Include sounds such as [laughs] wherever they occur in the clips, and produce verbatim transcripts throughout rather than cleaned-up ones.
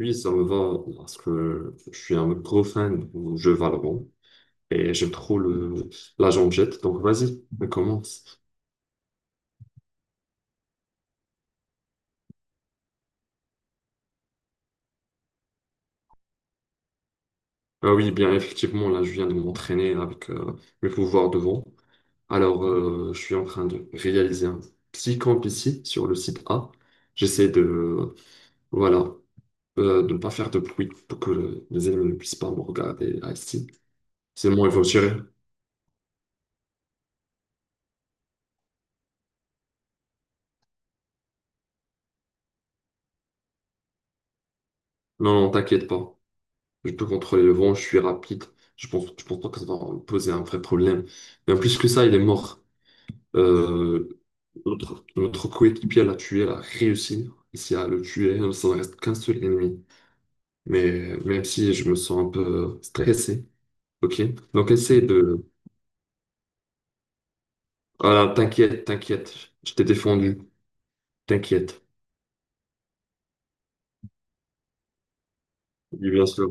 Oui, ça me va parce que je suis un gros fan du jeu Valorant et j'aime trop le, la jette. Donc vas-y, on commence. Ah oui, bien effectivement, là je viens de m'entraîner avec euh, mes pouvoirs de vent. Alors euh, je suis en train de réaliser un petit camp ici sur le site A. J'essaie de, voilà, euh, de ne pas faire de bruit pour que les ennemis ne puissent pas me regarder ah, ici. C'est bon, il faut tirer. Non, non, t'inquiète pas. Je peux contrôler le vent, je suis rapide. Je pense, je pense pas que ça va poser un vrai problème. Mais en plus que ça, il est mort. Euh, notre, notre coéquipier l'a tué, l'a réussi ici à le tuer. Ça ne reste qu'un seul ennemi. Mais même si je me sens un peu stressé, ok? Donc essaie de... Voilà, t'inquiète, t'inquiète. Je t'ai défendu. T'inquiète. Oui, bien sûr.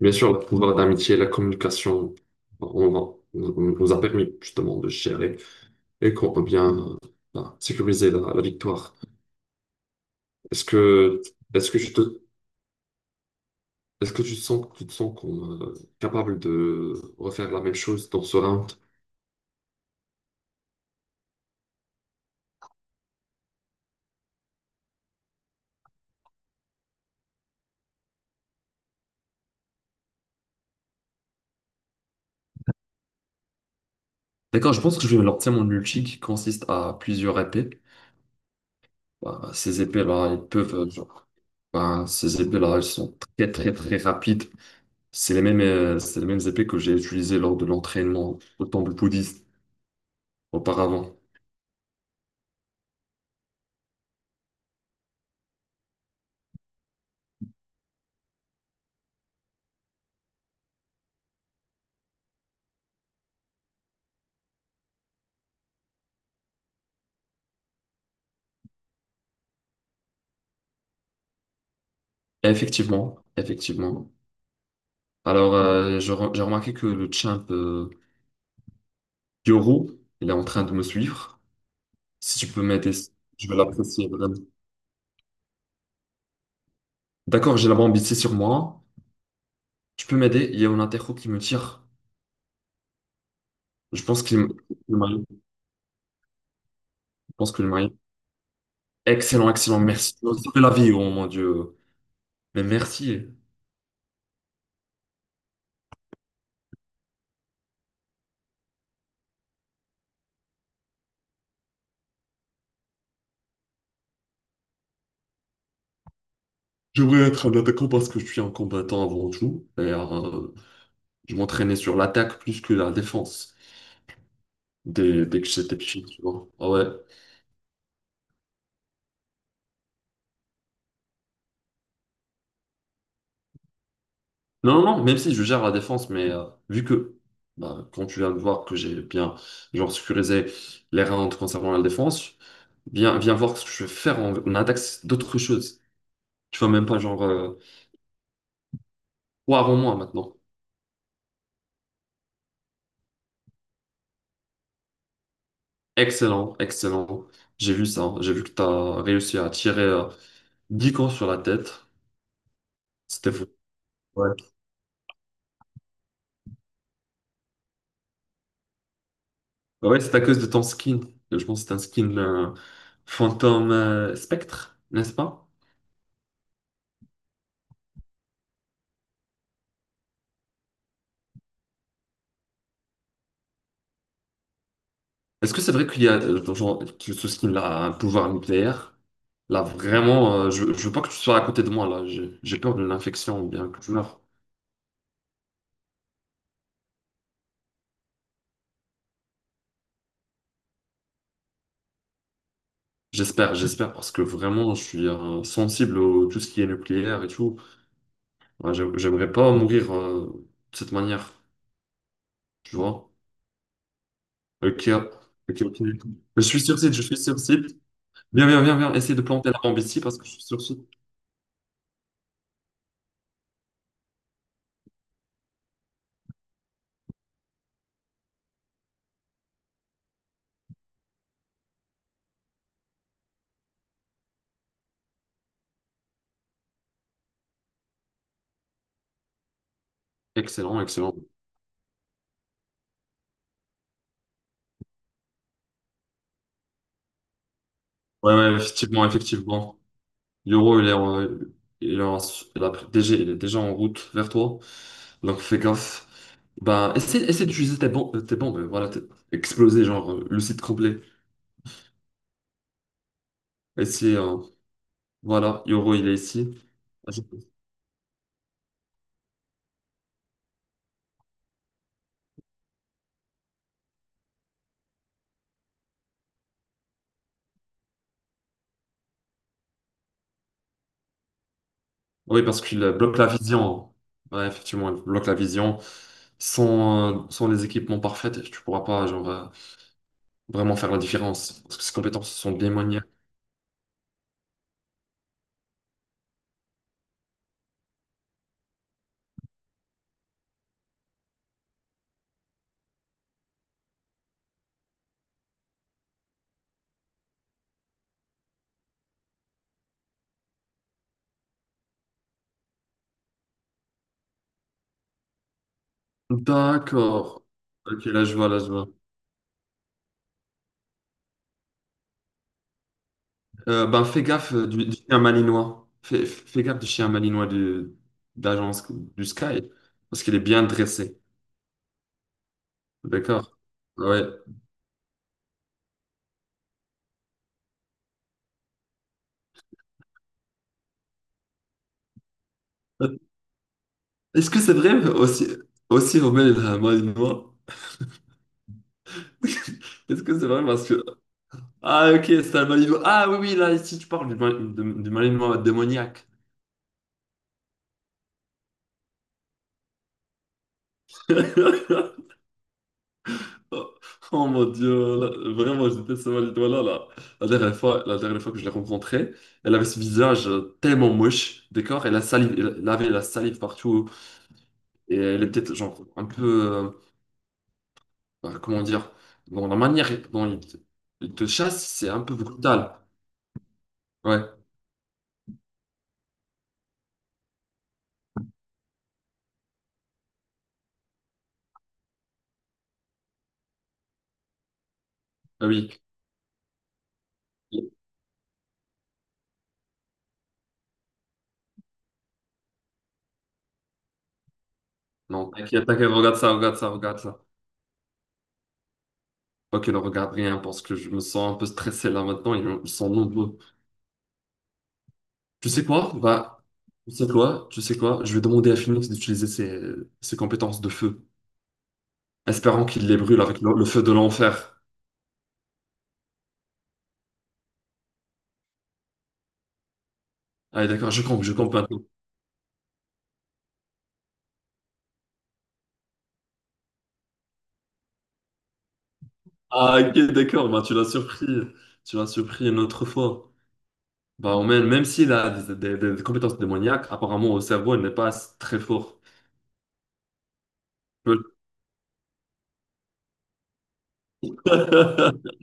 Bien sûr, le pouvoir d'amitié, la communication, on, va- on nous a permis justement de gérer. Et qu'on peut bien euh, ben, sécuriser la, la victoire. Est-ce que, est-ce que tu te, Est-ce que tu sens, tu te sens qu'on, euh, capable de refaire la même chose dans ce round? D'accord, je pense que je vais lancer mon ulti qui consiste à plusieurs épées. Bah, ces épées-là, ils peuvent, euh, genre, bah, ces épées-là, elles sont très, très, très rapides. C'est les mêmes, euh, c'est les mêmes épées que j'ai utilisées lors de l'entraînement au temple bouddhiste auparavant. Effectivement, effectivement. Alors, euh, je re- j'ai remarqué que le champ euh, Yoro, il est en train de me suivre. Si tu peux m'aider, je vais l'apprécier vraiment. D'accord, j'ai la bombe ici sur moi. Tu peux m'aider? Il y a un interro qui me tire. Je pense qu'il me il m'a eu. Je pense que le m'a Excellent, excellent, merci. Tu m'as sauvé la vie, oh mon Dieu. Mais merci. J'aimerais être un attaquant parce que je suis un combattant avant tout. Et, euh, je m'entraînais sur l'attaque plus que la défense dès, dès que j'étais petit, tu vois. Ah ouais. Non, non, non, même si je gère la défense, mais euh, vu que bah, quand tu viens de voir que j'ai bien genre sécurisé les rounds concernant la défense, viens, viens voir ce que je vais faire en, en attaque, c'est d'autres choses. Tu vois, même pas genre euh, Poire en moins maintenant. Excellent, excellent. J'ai vu ça, hein. J'ai vu que tu as réussi à tirer euh, dix cons sur la tête. C'était fou. Ouais, ouais c'est à cause de ton skin. Je pense que c'est un skin euh, fantôme euh, spectre, n'est-ce pas? Est-ce que c'est vrai qu'il y a euh, genre, que ce skin là a un pouvoir nucléaire? Là vraiment, euh, je, je veux pas que tu sois à côté de moi là. J'ai j'ai peur d'une infection ou bien que tu meurs. J'espère, j'espère parce que vraiment je suis euh, sensible à tout ce qui est nucléaire et tout. Ouais, j'ai- j'aimerais pas mourir euh, de cette manière, tu vois? Ok, ok, ok. Je suis sur site, je suis sur site. Viens, viens, viens, viens. Essaye de planter la bombe ici parce que je suis sur site. Excellent, excellent. Ouais, ouais, effectivement, effectivement. Yoro, il est, en- il est en- il a- déjà, il est déjà en route vers toi. Donc fais gaffe. Ben, essaie, essaie d'utiliser tes bombes, tes bombes, voilà, t'es- exploser genre euh, le site complet. Essaie, euh, voilà, Yoro, il est ici. Oui, parce qu'il euh, bloque la vision. Ouais, effectivement, il bloque la vision. Sans, euh, sans les équipements parfaits, tu pourras pas genre, euh, vraiment faire la différence. Parce que ses compétences sont démoniaques. D'accord. Ok, là je vois, là je vois. Euh, ben, fais gaffe euh, du, du chien malinois. Fais, fais gaffe du chien malinois de d'agence du Sky, parce qu'il est bien dressé. D'accord? Ah ouais. Est-ce que c'est vrai aussi, Aussi Romain est un malinois? [laughs] Est-ce que c'est vrai parce que... Ah ok, c'est un malinois. Ah oui, oui, là, ici tu parles du, mal- de- du malinois démoniaque. [laughs] Oh oh mon Dieu, là, vraiment, j'étais ce cette étoile-là, là. La dernière fois, la dernière fois que je l'ai rencontrée, elle avait ce visage euh, tellement moche, d'accord? Elle a salive, elle elle avait la salive partout, et elle est peut-être, genre, un peu, euh, bah, comment dire, dans la manière dont il te, il te chasse, c'est un peu brutal. Ouais, ah oui. Non, t'inquiète, t'inquiète, regarde ça, regarde ça, regarde ça. Ok, ne regarde rien, parce que je me sens un peu stressé là maintenant, ils sont nombreux. Tu sais quoi? Bah, tu sais quoi? Tu sais quoi? Je vais demander à Phoenix d'utiliser ses, ses compétences de feu, espérant qu'il les brûle avec le, le feu de l'enfer. Allez, d'accord, je compte, je compte maintenant. Ah, ok, d'accord, bah, tu l'as surpris. Tu l'as surpris une autre fois. Bah, on Même, même s'il a des, des- des- des compétences démoniaques, apparemment, au cerveau, il n'est pas très fort. Peut- [laughs]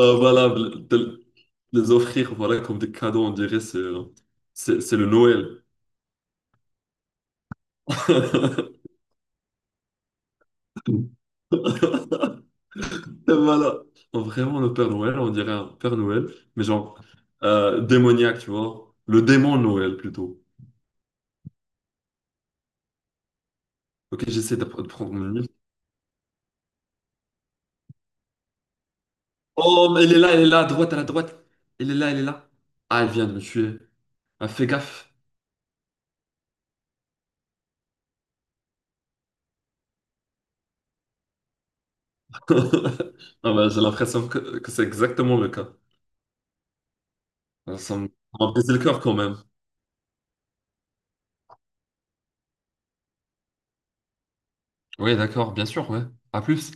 Euh, voilà, de de les offrir voilà, comme des cadeaux, on dirait, c'est c'est- c'est le Noël. [laughs] [laughs] Et voilà. Oh, vraiment, le Père Noël, on dirait un Père Noël, mais genre euh, démoniaque, tu vois. Le démon Noël, plutôt. Ok, j'essaie de de prendre mon livre. Oh, mais elle est là, elle est là, à droite, à la droite. Elle est là, elle est là. Ah, elle vient de me tuer. Ah, fais gaffe. [laughs] Ah, bah, j'ai l'impression que, que c'est exactement le cas. Ça me ça m'a brisé le cœur quand même. Oui, d'accord, bien sûr, ouais. À plus.